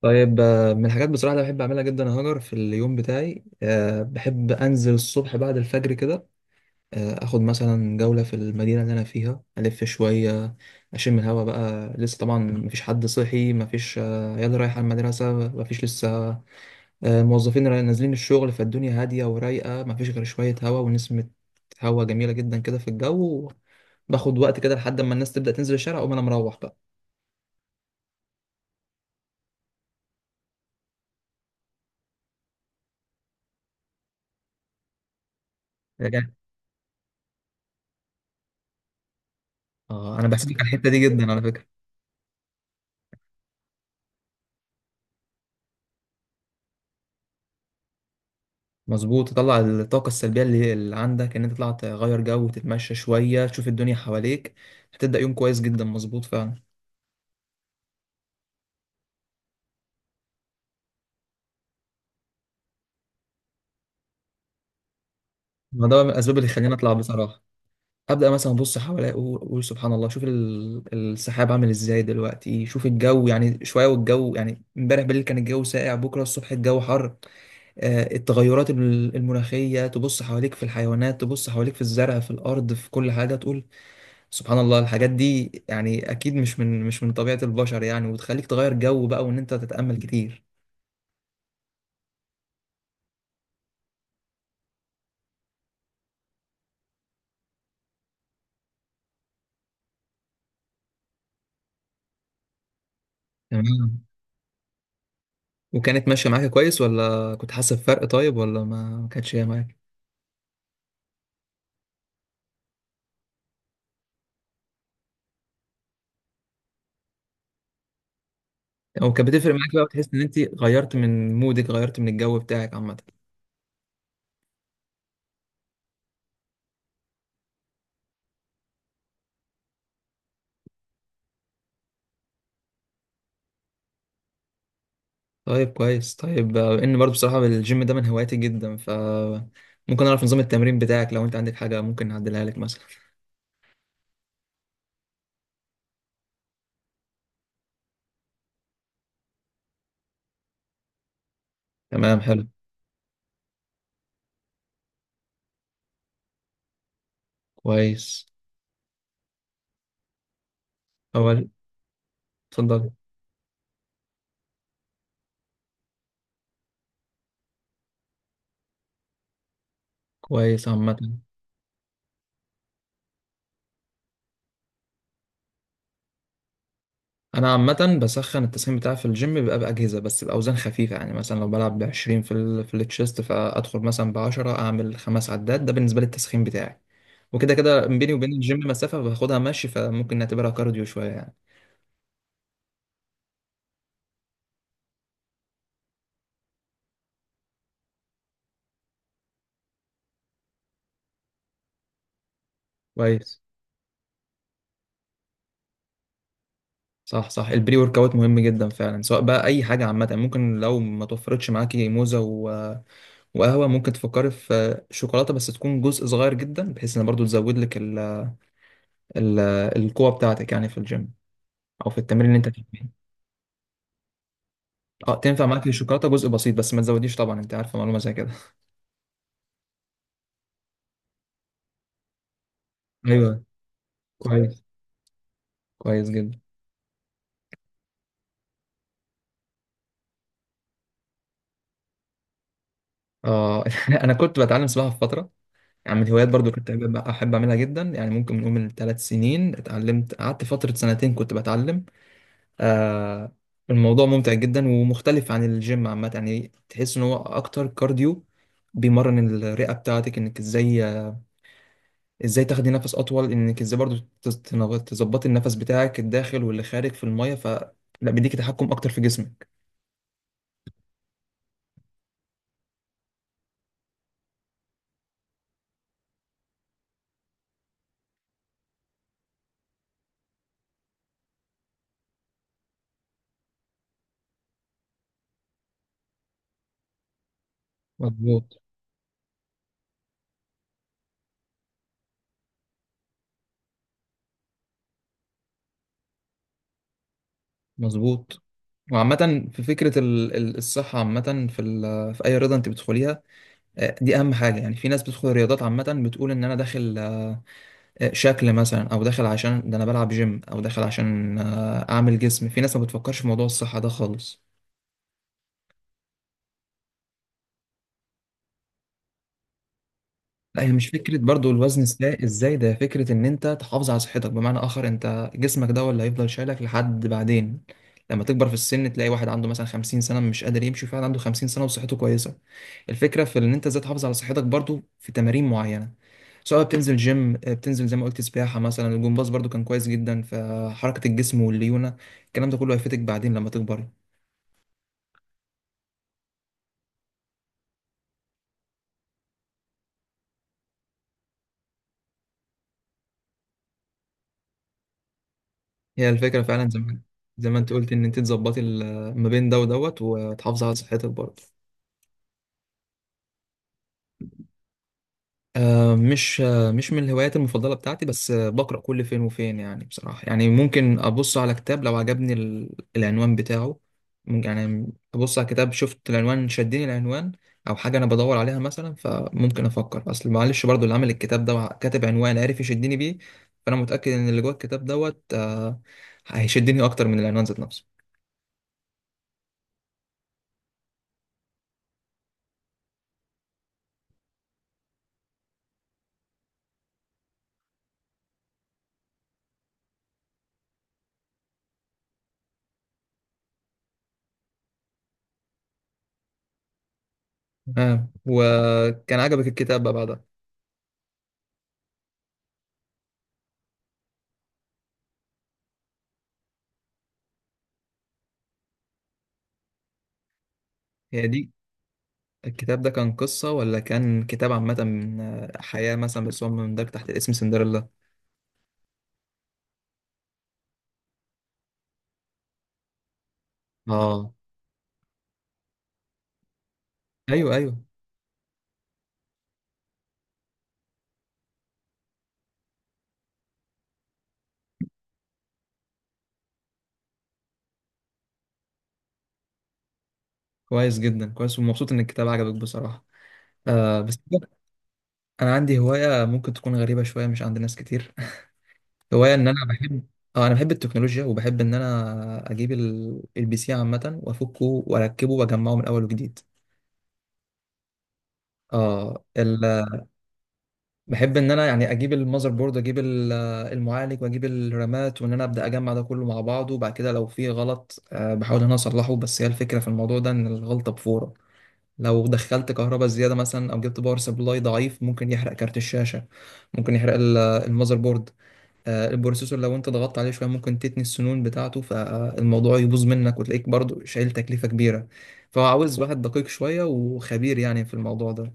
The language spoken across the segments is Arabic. طيب من الحاجات بصراحة اللي بحب أعملها جدا يا هاجر في اليوم بتاعي، بحب أنزل الصبح بعد الفجر كده. أخد مثلا جولة في المدينة اللي أنا فيها ألف شوية، أشم الهوا بقى. لسه طبعا مفيش حد صحي، مفيش عيال رايحة المدرسة، مفيش لسه موظفين نازلين الشغل، فالدنيا هادية ورايقة، مفيش غير شوية هوا ونسمة هوا جميلة جدا كده في الجو. باخد وقت كده لحد ما الناس تبدأ تنزل الشارع، أقوم أنا مروح بقى. يعني- اه أنا بحب الحتة دي جدا على فكرة. مظبوط، تطلع الطاقة السلبية اللي عندك، ان انت تطلع تغير جو وتتمشى شوية، تشوف الدنيا حواليك، هتبدأ يوم كويس جدا. مظبوط فعلا، ما ده من الاسباب اللي خلاني اطلع بصراحة. ابدأ مثلا ابص حواليا، أقول سبحان الله، شوف السحاب عامل ازاي دلوقتي، شوف الجو يعني شوية، والجو يعني امبارح بالليل كان الجو ساقع، بكرة الصبح الجو حر. التغيرات المناخية، تبص حواليك في الحيوانات، تبص حواليك في الزرع، في الارض، في كل حاجة تقول سبحان الله. الحاجات دي يعني اكيد مش من طبيعة البشر يعني، وتخليك تغير جو بقى، وان انت تتأمل كتير. تمام. وكانت ماشية معاك كويس، ولا كنت حاسس بفرق؟ طيب ولا ما كانتش هي معاك؟ او كانت بتفرق معاك بقى، وتحس ان انت غيرت من مودك، غيرت من الجو بتاعك عامة؟ طيب كويس. طيب ان برضو بصراحة الجيم ده من هواياتي جدا، ف ممكن اعرف نظام التمرين بتاعك؟ لو انت عندك حاجة ممكن نعدلها لك مثلا. تمام حلو. كويس. اول. اتفضل. كويس عامة. انا عامه بسخن، التسخين بتاعي في الجيم بيبقى باجهزه بس باوزان خفيفه، يعني مثلا لو بلعب ب 20 في ال في التشيست، فادخل مثلا ب 10 اعمل خمس عدات، ده بالنسبه لي التسخين بتاعي. وكده كده بيني وبين الجيم مسافه باخدها مشي، فممكن نعتبرها كارديو شويه يعني. كويس. صح صح، البري ورك اوت مهم جدا فعلا، سواء بقى اي حاجه عامه، ممكن لو ما توفرتش معاكي موزه وقهوه، ممكن تفكري في شوكولاته بس تكون جزء صغير جدا، بحيث ان برضو تزود لك ال- القوه بتاعتك يعني في الجيم او في التمرين اللي انت فيه. اه تنفع معاك الشوكولاته جزء بسيط، بس ما تزوديش طبعا، انت عارفه معلومه زي كده. ايوه. كويس. كويس جدا. اه انا كنت بتعلم سباحه في فتره، يعني من الهوايات برضو كنت أحب اعملها جدا، يعني ممكن نقول من 3 سنين اتعلمت، قعدت فتره 2 سنين كنت بتعلم. آه الموضوع ممتع جدا ومختلف عن الجيم عامه، يعني تحس ان هو اكتر كارديو، بيمرن الرئه بتاعتك انك ازاي تاخدي نفس اطول، انك ازاي برضو تظبطي النفس بتاعك الداخل واللي خارج في الميه، ف لا بيديكي تحكم اكتر في جسمك. مظبوط. مظبوط. وعامة في فكرة الصحة عامة في في أي رياضة أنت بتدخليها، دي أهم حاجة. يعني في ناس بتدخل رياضات عامة بتقول إن أنا داخل شكل مثلا، أو داخل عشان ده أنا بلعب جيم، أو داخل عشان أعمل جسم. في ناس ما بتفكرش في موضوع الصحة ده خالص. لا هي مش فكرة برضو الوزن، ازاي ده فكرة ان انت تحافظ على صحتك، بمعنى اخر انت جسمك ده هو اللي هيفضل شايلك لحد بعدين، لما تكبر في السن تلاقي واحد عنده مثلا 50 سنة مش قادر يمشي، فعلا عنده 50 سنة وصحته كويسة. الفكرة في ان انت ازاي تحافظ على صحتك، برضو في تمارين معينة، سواء بتنزل جيم، بتنزل زي ما قلت سباحة مثلا، الجمباز برضو كان كويس جدا في حركة الجسم والليونة. الكلام ده كله هيفيدك بعدين لما تكبري. هي الفكرة فعلا زي ما انت قلت، ان انت تظبطي ما بين ده ودوت، وتحافظي على صحتك برضو. مش من الهوايات المفضلة بتاعتي، بس بقرأ كل فين وفين يعني بصراحة. يعني ممكن أبص على كتاب لو عجبني العنوان بتاعه، ممكن يعني أبص على كتاب شفت العنوان شدني العنوان، أو حاجة أنا بدور عليها مثلا. فممكن أفكر، أصل معلش برضو اللي عامل الكتاب ده كاتب عنوان عارف يشدني بيه، فأنا متأكد إن اللي جوه الكتاب دوت هيشدني أكتر من العنوان ذات نفسه. وكان عجبك الكتاب بقى بعدها؟ هي دي. الكتاب ده كان قصة، ولا كان كتاب عامة من حياة مثلا، بس هو مندرج تحت اسم سندريلا؟ اه. أيوه أيوه. كويس جدا، كويس. ومبسوط إن الكتاب عجبك بصراحة. آه بس أنا عندي هواية ممكن تكون غريبة شوية مش عند ناس كتير. هواية إن أنا بحب، اه أنا بحب التكنولوجيا، وبحب إن أنا أجيب البي سي عامة وأفكه وأركبه وأجمعه من أول وجديد. اه بحب ان انا يعني اجيب المذر بورد، اجيب المعالج، واجيب الرامات، وان انا ابدا اجمع ده كله مع بعضه. وبعد كده لو في غلط، بحاول ان انا اصلحه، بس هي الفكره في الموضوع ده ان الغلطه بفوره. لو دخلت كهرباء زياده مثلا، او جبت باور سبلاي ضعيف، ممكن يحرق كارت الشاشه، ممكن يحرق المذر بورد. البروسيسور لو انت ضغطت عليه شويه ممكن تتني السنون بتاعته، فالموضوع يبوظ منك وتلاقيك برضو شايل تكلفه كبيره. فعاوز واحد دقيق شويه وخبير يعني في الموضوع ده.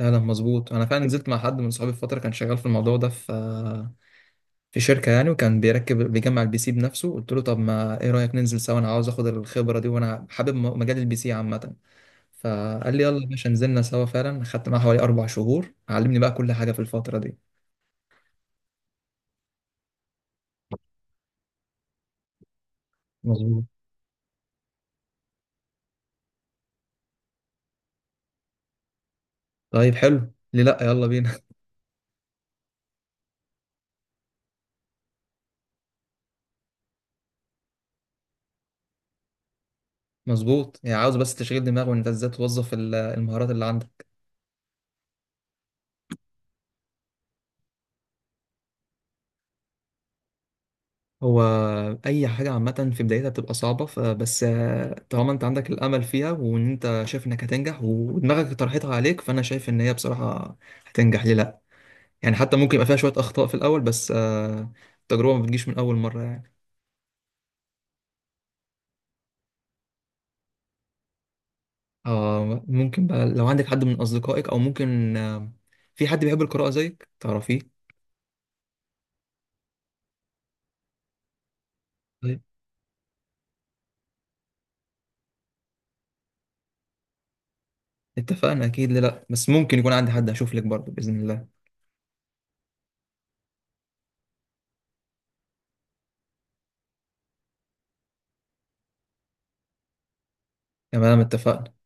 لا مظبوط، انا فعلا نزلت مع حد من صحابي في فتره، كان شغال في الموضوع ده في في شركه يعني، وكان بيركب بيجمع البي سي بنفسه، قلت له طب ما ايه رايك ننزل سوا، انا عاوز اخد الخبره دي، وانا حابب مجال البي سي عامه. فقال لي يلا يا باشا، نزلنا سوا فعلا، خدت معاه حوالي 4 شهور، علمني بقى كل حاجه في الفتره دي. مظبوط. طيب حلو، ليه لا، يلا بينا. مظبوط، يعني عاوز بس تشغيل دماغ، وانت ازاي توظف المهارات اللي عندك. هو اي حاجه عامه في بدايتها بتبقى صعبه، فبس طالما انت عندك الامل فيها، وان انت شايف انك هتنجح، ودماغك طرحتها عليك، فانا شايف ان هي بصراحه هتنجح، ليه لا؟ يعني حتى ممكن يبقى فيها شويه اخطاء في الاول، بس التجربه ما بتجيش من اول مره يعني. اه ممكن بقى لو عندك حد من اصدقائك، او ممكن في حد بيحب القراءه زيك تعرفيه. طيب اتفقنا اكيد، ليه لا. بس ممكن يكون عندي حد هشوف لك برضه باذن الله. تمام اتفقنا.